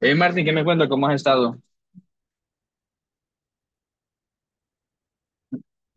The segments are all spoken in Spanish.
Martín, ¿qué me cuenta? ¿Cómo has estado?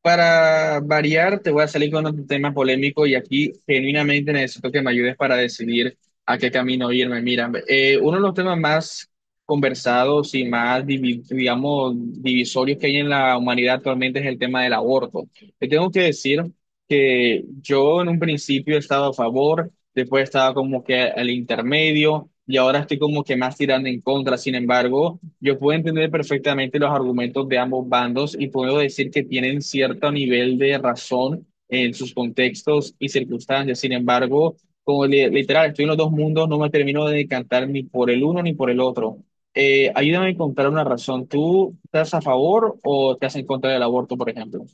Para variar, te voy a salir con otro tema polémico y aquí genuinamente necesito que me ayudes para decidir a qué camino irme. Mira, uno de los temas más conversados y más, digamos, divisorios que hay en la humanidad actualmente es el tema del aborto. Te tengo que decir que yo en un principio he estado a favor, después estaba como que al intermedio y ahora estoy como que más tirando en contra. Sin embargo, yo puedo entender perfectamente los argumentos de ambos bandos y puedo decir que tienen cierto nivel de razón en sus contextos y circunstancias. Sin embargo, como literal, estoy en los dos mundos, no me termino de decantar ni por el uno ni por el otro. Ayúdame a encontrar una razón. ¿Tú estás a favor o estás en contra del aborto, por ejemplo?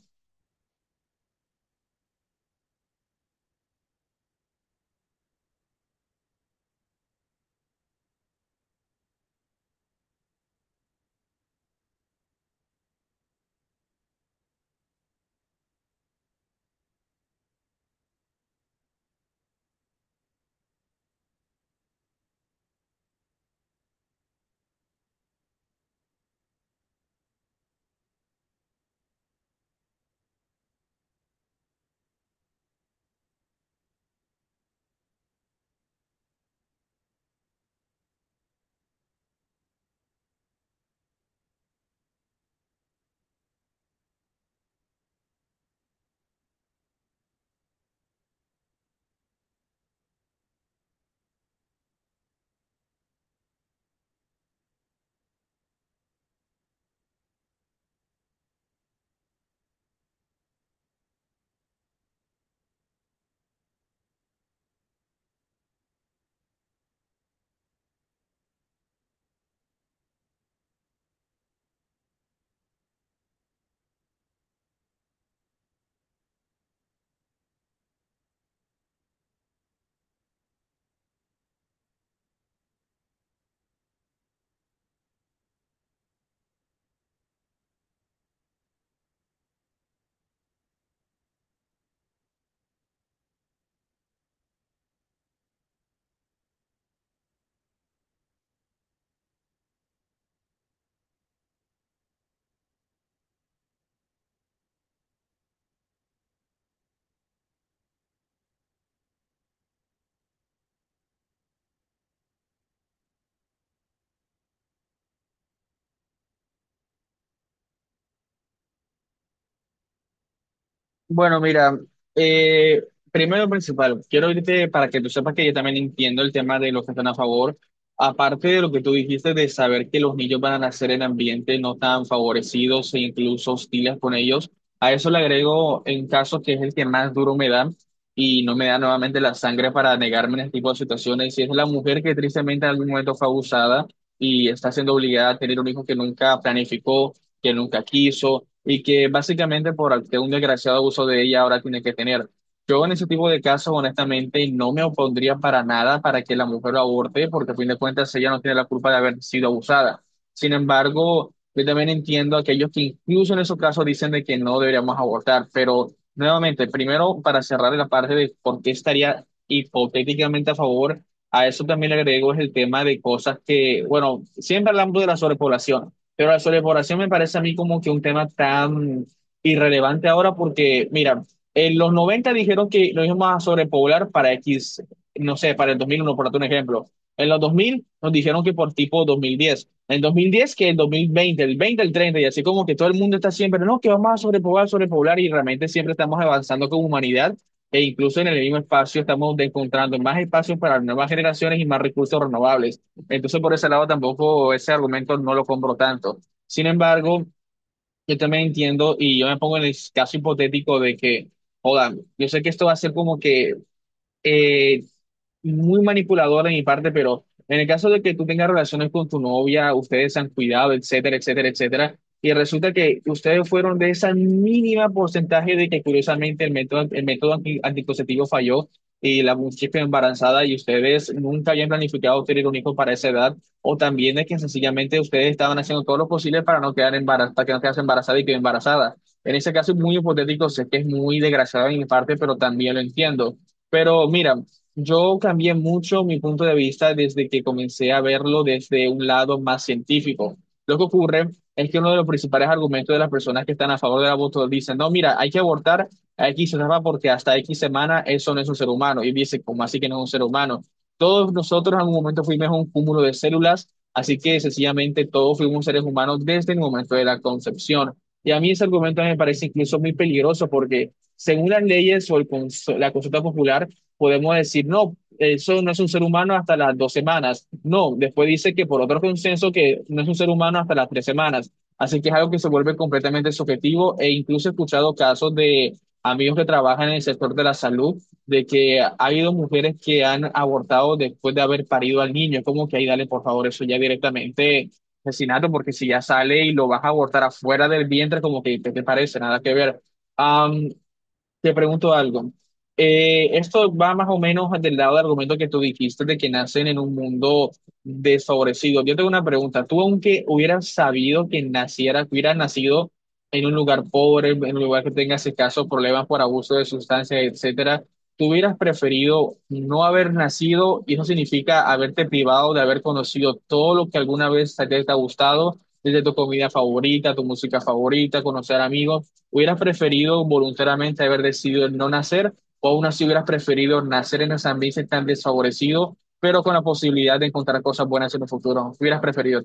Bueno, mira, eh, primero y principal, quiero irte para que tú sepas que yo también entiendo el tema de los que están a favor. Aparte de lo que tú dijiste de saber que los niños van a nacer en ambientes no tan favorecidos e incluso hostiles con ellos, a eso le agrego en caso que es el que más duro me da y no me da nuevamente la sangre para negarme en este tipo de situaciones. Y es la mujer que tristemente en algún momento fue abusada y está siendo obligada a tener un hijo que nunca planificó, que nunca quiso y que básicamente de un desgraciado abuso de ella ahora tiene que tener. Yo en ese tipo de casos, honestamente, no me opondría para nada para que la mujer lo aborte, porque a fin de cuentas ella no tiene la culpa de haber sido abusada. Sin embargo, yo también entiendo a aquellos que incluso en esos casos dicen de que no deberíamos abortar, pero nuevamente, primero para cerrar la parte de por qué estaría hipotéticamente a favor, a eso también le agrego es el tema de cosas que, bueno, siempre hablamos de la sobrepoblación. Pero la sobrepoblación me parece a mí como que un tema tan irrelevante ahora porque, mira, en los 90 dijeron que lo íbamos a sobrepoblar para X, no sé, para el 2001, por darte un ejemplo. En los 2000 nos dijeron que por tipo 2010. En 2010, que el 2020, el veinte, el treinta, y así como que todo el mundo está siempre, no, que vamos a sobrepoblar, sobrepoblar, y realmente siempre estamos avanzando como humanidad e incluso en el mismo espacio estamos encontrando más espacios para nuevas generaciones y más recursos renovables. Entonces, por ese lado tampoco ese argumento no lo compro tanto. Sin embargo, yo también entiendo y yo me pongo en el caso hipotético de que, joda, yo sé que esto va a ser como que eh, muy manipulador de mi parte, pero en el caso de que tú tengas relaciones con tu novia, ustedes se han cuidado, etcétera, etcétera, etcétera, y resulta que ustedes fueron de esa mínima porcentaje de que curiosamente el método anticonceptivo falló y la muchacha quedó embarazada y ustedes nunca habían planificado tener un hijo para esa edad, o también de que sencillamente ustedes estaban haciendo todo lo posible para no quedar embarazada, para que no quedase embarazada y quedó embarazada. En ese caso es muy hipotético, sé que es muy desgraciado de mi parte, pero también lo entiendo. Pero mira, yo cambié mucho mi punto de vista desde que comencé a verlo desde un lado más científico. Lo que ocurre es que uno de los principales argumentos de las personas que están a favor del aborto dicen, no, mira, hay que abortar a X semana porque hasta X semana eso no es un ser humano. Y dice, ¿cómo así que no es un ser humano? Todos nosotros en algún momento fuimos un cúmulo de células, así que sencillamente todos fuimos seres humanos desde el momento de la concepción. Y a mí ese argumento me parece incluso muy peligroso porque según las leyes o el la consulta popular, podemos decir, no, eso no es un ser humano hasta las 2 semanas. No, después dice que por otro consenso que no es un ser humano hasta las 3 semanas. Así que es algo que se vuelve completamente subjetivo e incluso he escuchado casos de amigos que trabajan en el sector de la salud, de que ha habido mujeres que han abortado después de haber parido al niño. Es como que ahí dale, por favor, eso ya directamente asesinato, porque si ya sale y lo vas a abortar afuera del vientre, como que, ¿qué te parece? Nada que ver. Am, te pregunto algo. Esto va más o menos del lado del argumento que tú dijiste de que nacen en un mundo desfavorecido. Yo tengo una pregunta. Tú, aunque hubieras sabido que naciera, que hubieras nacido en un lugar pobre, en un lugar que tengas escasos problemas por abuso de sustancias, etcétera, ¿tú hubieras preferido no haber nacido? Y eso significa haberte privado de haber conocido todo lo que alguna vez te ha gustado, desde tu comida favorita, tu música favorita, conocer amigos. ¿Hubieras preferido voluntariamente haber decidido el no nacer o aún así hubieras preferido nacer en ese ambiente tan desfavorecido, pero con la posibilidad de encontrar cosas buenas en el futuro? ¿Qué hubieras preferido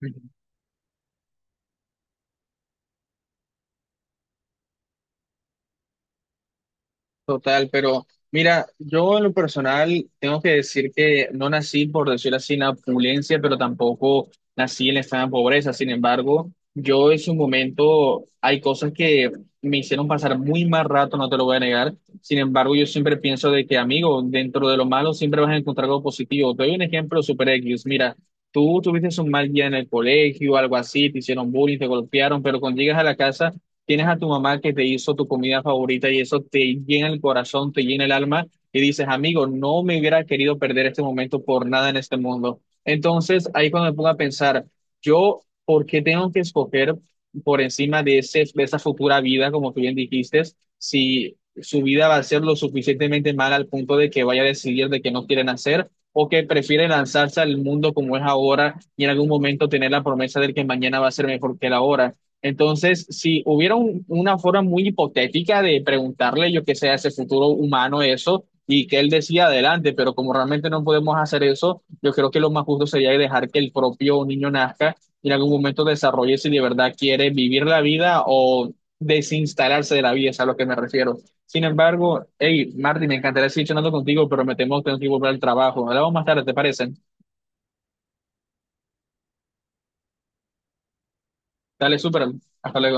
tú? Total, pero mira, yo en lo personal tengo que decir que no nací, por decirlo así, en la opulencia, pero tampoco nací en la extrema pobreza. Sin embargo, yo en su momento hay cosas que me hicieron pasar muy mal rato, no te lo voy a negar. Sin embargo, yo siempre pienso de que, amigo, dentro de lo malo siempre vas a encontrar algo positivo. Te doy un ejemplo super X. Mira, tú tuviste un mal día en el colegio, algo así, te hicieron bullying, te golpearon, pero cuando llegas a la casa tienes a tu mamá que te hizo tu comida favorita y eso te llena el corazón, te llena el alma y dices, amigo, no me hubiera querido perder este momento por nada en este mundo. Entonces, ahí cuando me pongo a pensar, yo, ¿por qué tengo que escoger por encima de ese, de esa futura vida, como tú bien dijiste, si su vida va a ser lo suficientemente mala al punto de que vaya a decidir de que no quieren hacer o que prefiere lanzarse al mundo como es ahora y en algún momento tener la promesa de que mañana va a ser mejor que la hora? Entonces, si hubiera una forma muy hipotética de preguntarle, yo qué sé, a ese futuro humano eso, y que él decía adelante, pero como realmente no podemos hacer eso, yo creo que lo más justo sería dejar que el propio niño nazca y en algún momento desarrolle si de verdad quiere vivir la vida o desinstalarse de la vida, es a lo que me refiero. Sin embargo, hey, Marty, me encantaría seguir charlando contigo, pero me temo que tengo que volver al trabajo. Hablamos más tarde, ¿te parece? Dale, súper. Hasta luego.